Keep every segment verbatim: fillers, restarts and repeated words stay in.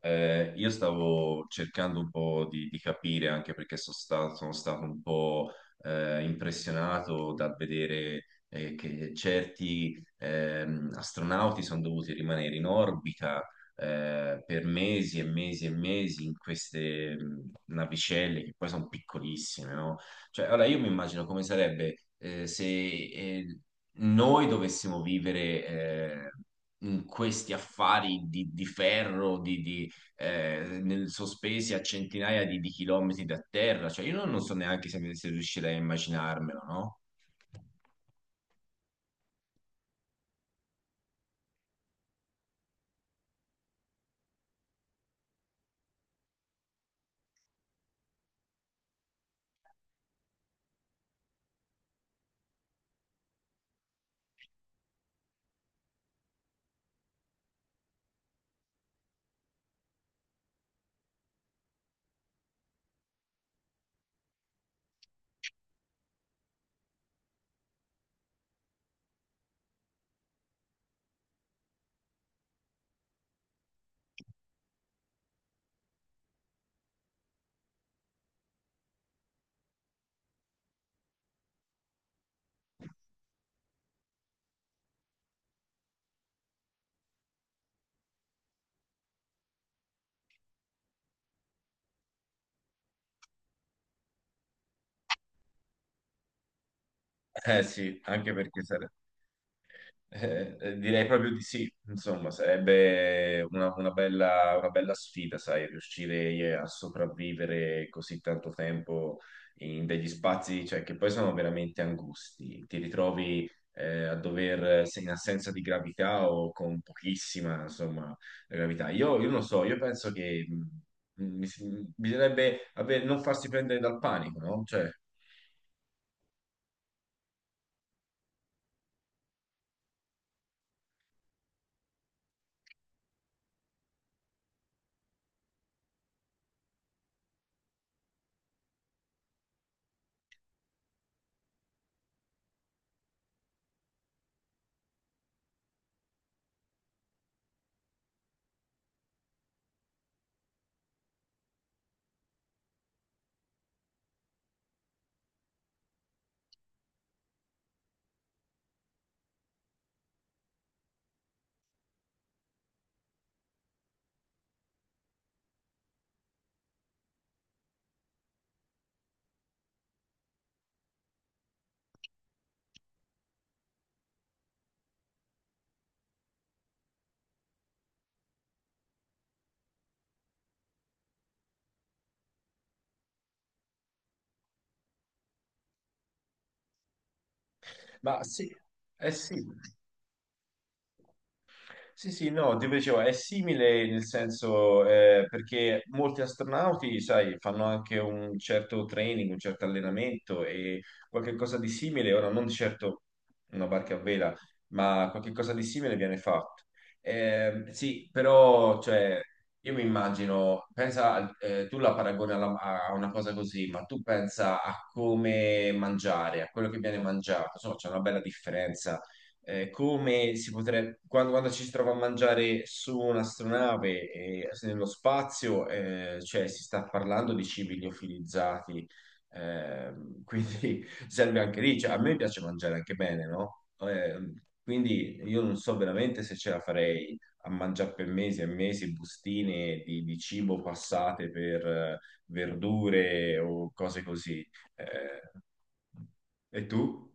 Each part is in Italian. Eh, io stavo cercando un po' di, di capire, anche perché sono stato, sono stato un po' eh, impressionato dal vedere eh, che certi ehm, astronauti sono dovuti rimanere in orbita eh, per mesi e mesi e mesi in queste mh, navicelle che poi sono piccolissime, no? Cioè, allora io mi immagino come sarebbe eh, se eh, noi dovessimo vivere eh, in questi affari di, di ferro, di di- eh, nel- sospesi a centinaia di, di chilometri da terra. Cioè, io non, non so neanche se, se riuscirei a immaginarmelo, no? Eh sì, anche perché sare- Eh, eh, direi proprio di sì, insomma, sarebbe una, una bella, una bella sfida, sai, riuscire eh, a sopravvivere così tanto tempo in degli spazi, cioè, che poi sono veramente angusti. Ti ritrovi eh, a dover, se in assenza di gravità o con pochissima, insomma, gravità. Io, io non so, io penso che mh, mi si- bisognerebbe avere- non farsi prendere dal panico, no? Cioè, ma sì, eh sì. Sì, sì, no, ti dicevo, è simile nel senso eh, perché molti astronauti, sai, fanno anche un certo training, un certo allenamento e qualcosa di simile, ora non di certo una barca a vela, ma qualcosa di simile viene fatto. Eh, sì, però, cioè, io mi immagino, pensa, al- eh, tu la paragoni alla- a una cosa così, ma tu pensa a come mangiare, a quello che viene mangiato, insomma, c'è una bella differenza eh, come si potrebbe, quando, quando ci si trova a mangiare su un'astronave e nello spazio, eh, cioè si sta parlando di cibi liofilizzati, ehm, quindi serve anche lì. Cioè, a me piace mangiare anche bene, no? Ehm, quindi io non so veramente se ce la farei a mangiare per mesi e mesi bustine di, di cibo passate per eh, verdure o cose così. Eh, e tu?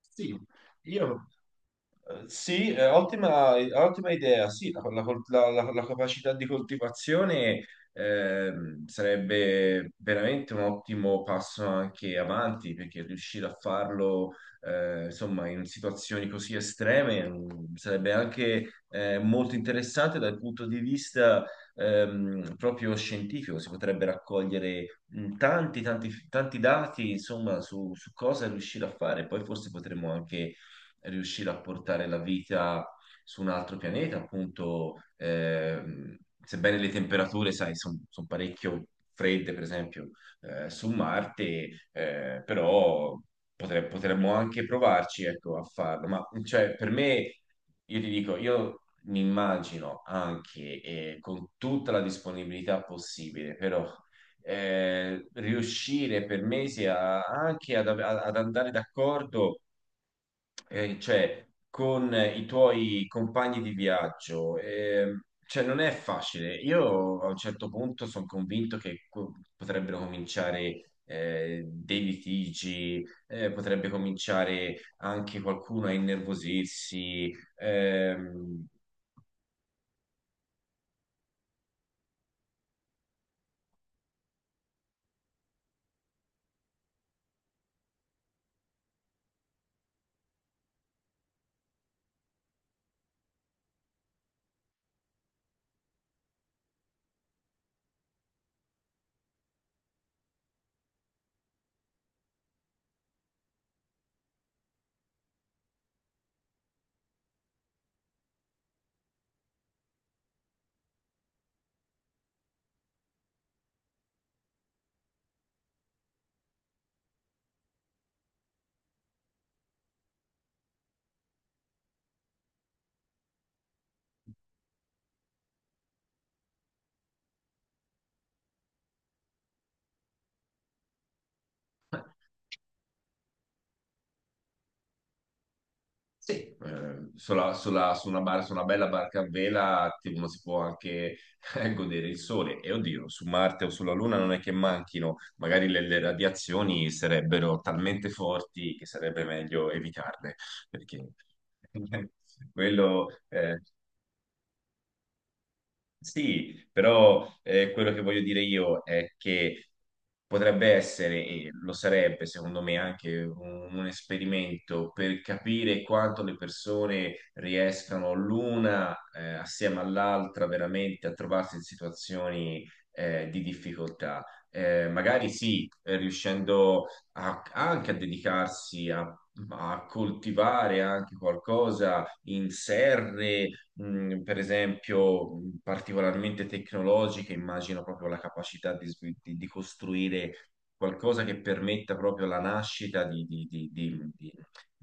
Sì, io, Eh, sì, eh, ottima, ottima idea. Sì, la, la- la- la- la capacità di coltivazione ehm, sarebbe veramente un ottimo passo anche avanti, perché riuscire a farlo, eh, insomma, in situazioni così estreme mm, sarebbe anche eh, molto interessante dal punto di vista ehm, proprio scientifico. Si potrebbe raccogliere mm, tanti, tanti, tanti dati, insomma, su, su cosa riuscire a fare. Poi forse potremmo anche riuscire a portare la vita su un altro pianeta, appunto, ehm, sebbene le temperature, sai, sono parecchio fredde, per esempio, eh, su Marte, eh, però potre- potremmo anche provarci, ecco, a farlo. Ma cioè, per me, io ti dico, io mi immagino anche eh, con tutta la disponibilità possibile, però eh, riuscire per mesi a- anche ad, ave- ad andare d'accordo eh, cioè, con eh, i tuoi compagni di viaggio, ehm, cioè, non è facile. Io a un certo punto sono convinto che co- potrebbero cominciare eh, dei litigi, eh, potrebbe cominciare anche qualcuno a innervosirsi. ehm, Sì. Eh, sulla- sulla- su una bar- su una bella barca a vela ti- uno si può anche eh, godere il sole. E oddio, su Marte o sulla Luna non è che manchino, magari le, le radiazioni sarebbero talmente forti che sarebbe meglio evitarle, perché quello eh, sì, però eh, quello che voglio dire io è che potrebbe essere, e lo sarebbe secondo me anche un, un esperimento per capire quanto le persone riescano l'una eh, assieme all'altra veramente a trovarsi in situazioni eh, di difficoltà. Eh, magari sì, eh, riuscendo a- anche a dedicarsi a a coltivare anche qualcosa in serre mh, per esempio, mh, particolarmente tecnologiche, immagino proprio la capacità di, svi- di- di costruire qualcosa che permetta proprio la nascita di, di- di- di- di-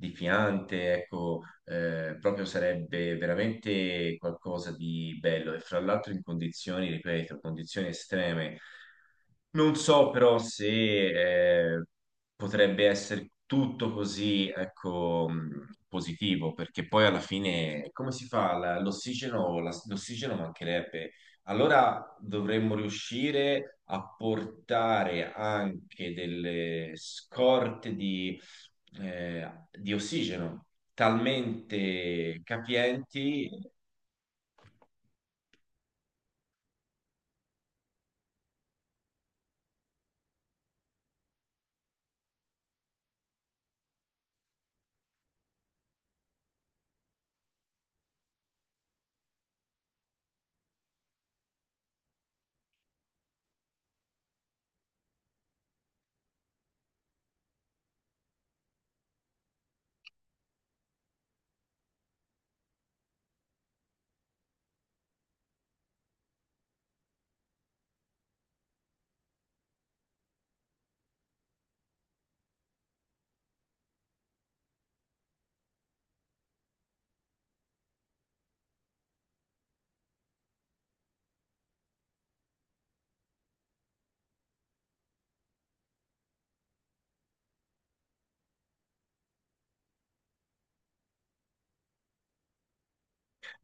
di piante, ecco, eh, proprio sarebbe veramente qualcosa di bello. E fra l'altro in condizioni, ripeto, condizioni estreme. Non so però se eh, potrebbe essere tutto così, ecco, mh, positivo, perché poi alla fine come si fa? La- L'ossigeno, la- l'ossigeno mancherebbe. Allora dovremmo riuscire a portare anche delle scorte eh, di ossigeno, talmente capienti.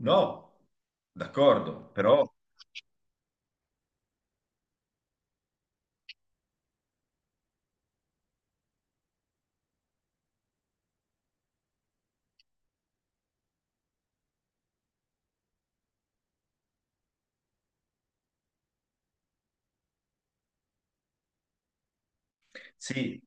No, d'accordo, però sì,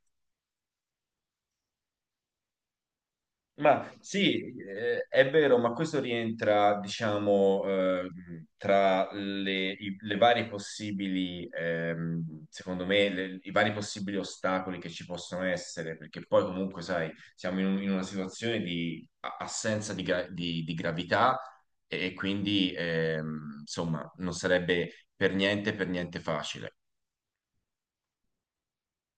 ma sì, eh, è vero, ma questo rientra, diciamo, eh, tra le, i- le varie possibili, ehm, secondo me, le- i vari possibili ostacoli che ci possono essere, perché poi comunque, sai, siamo in, un- in una situazione di a- assenza di, gra- di- di gravità e, e quindi, ehm, insomma, non sarebbe per niente, per niente facile.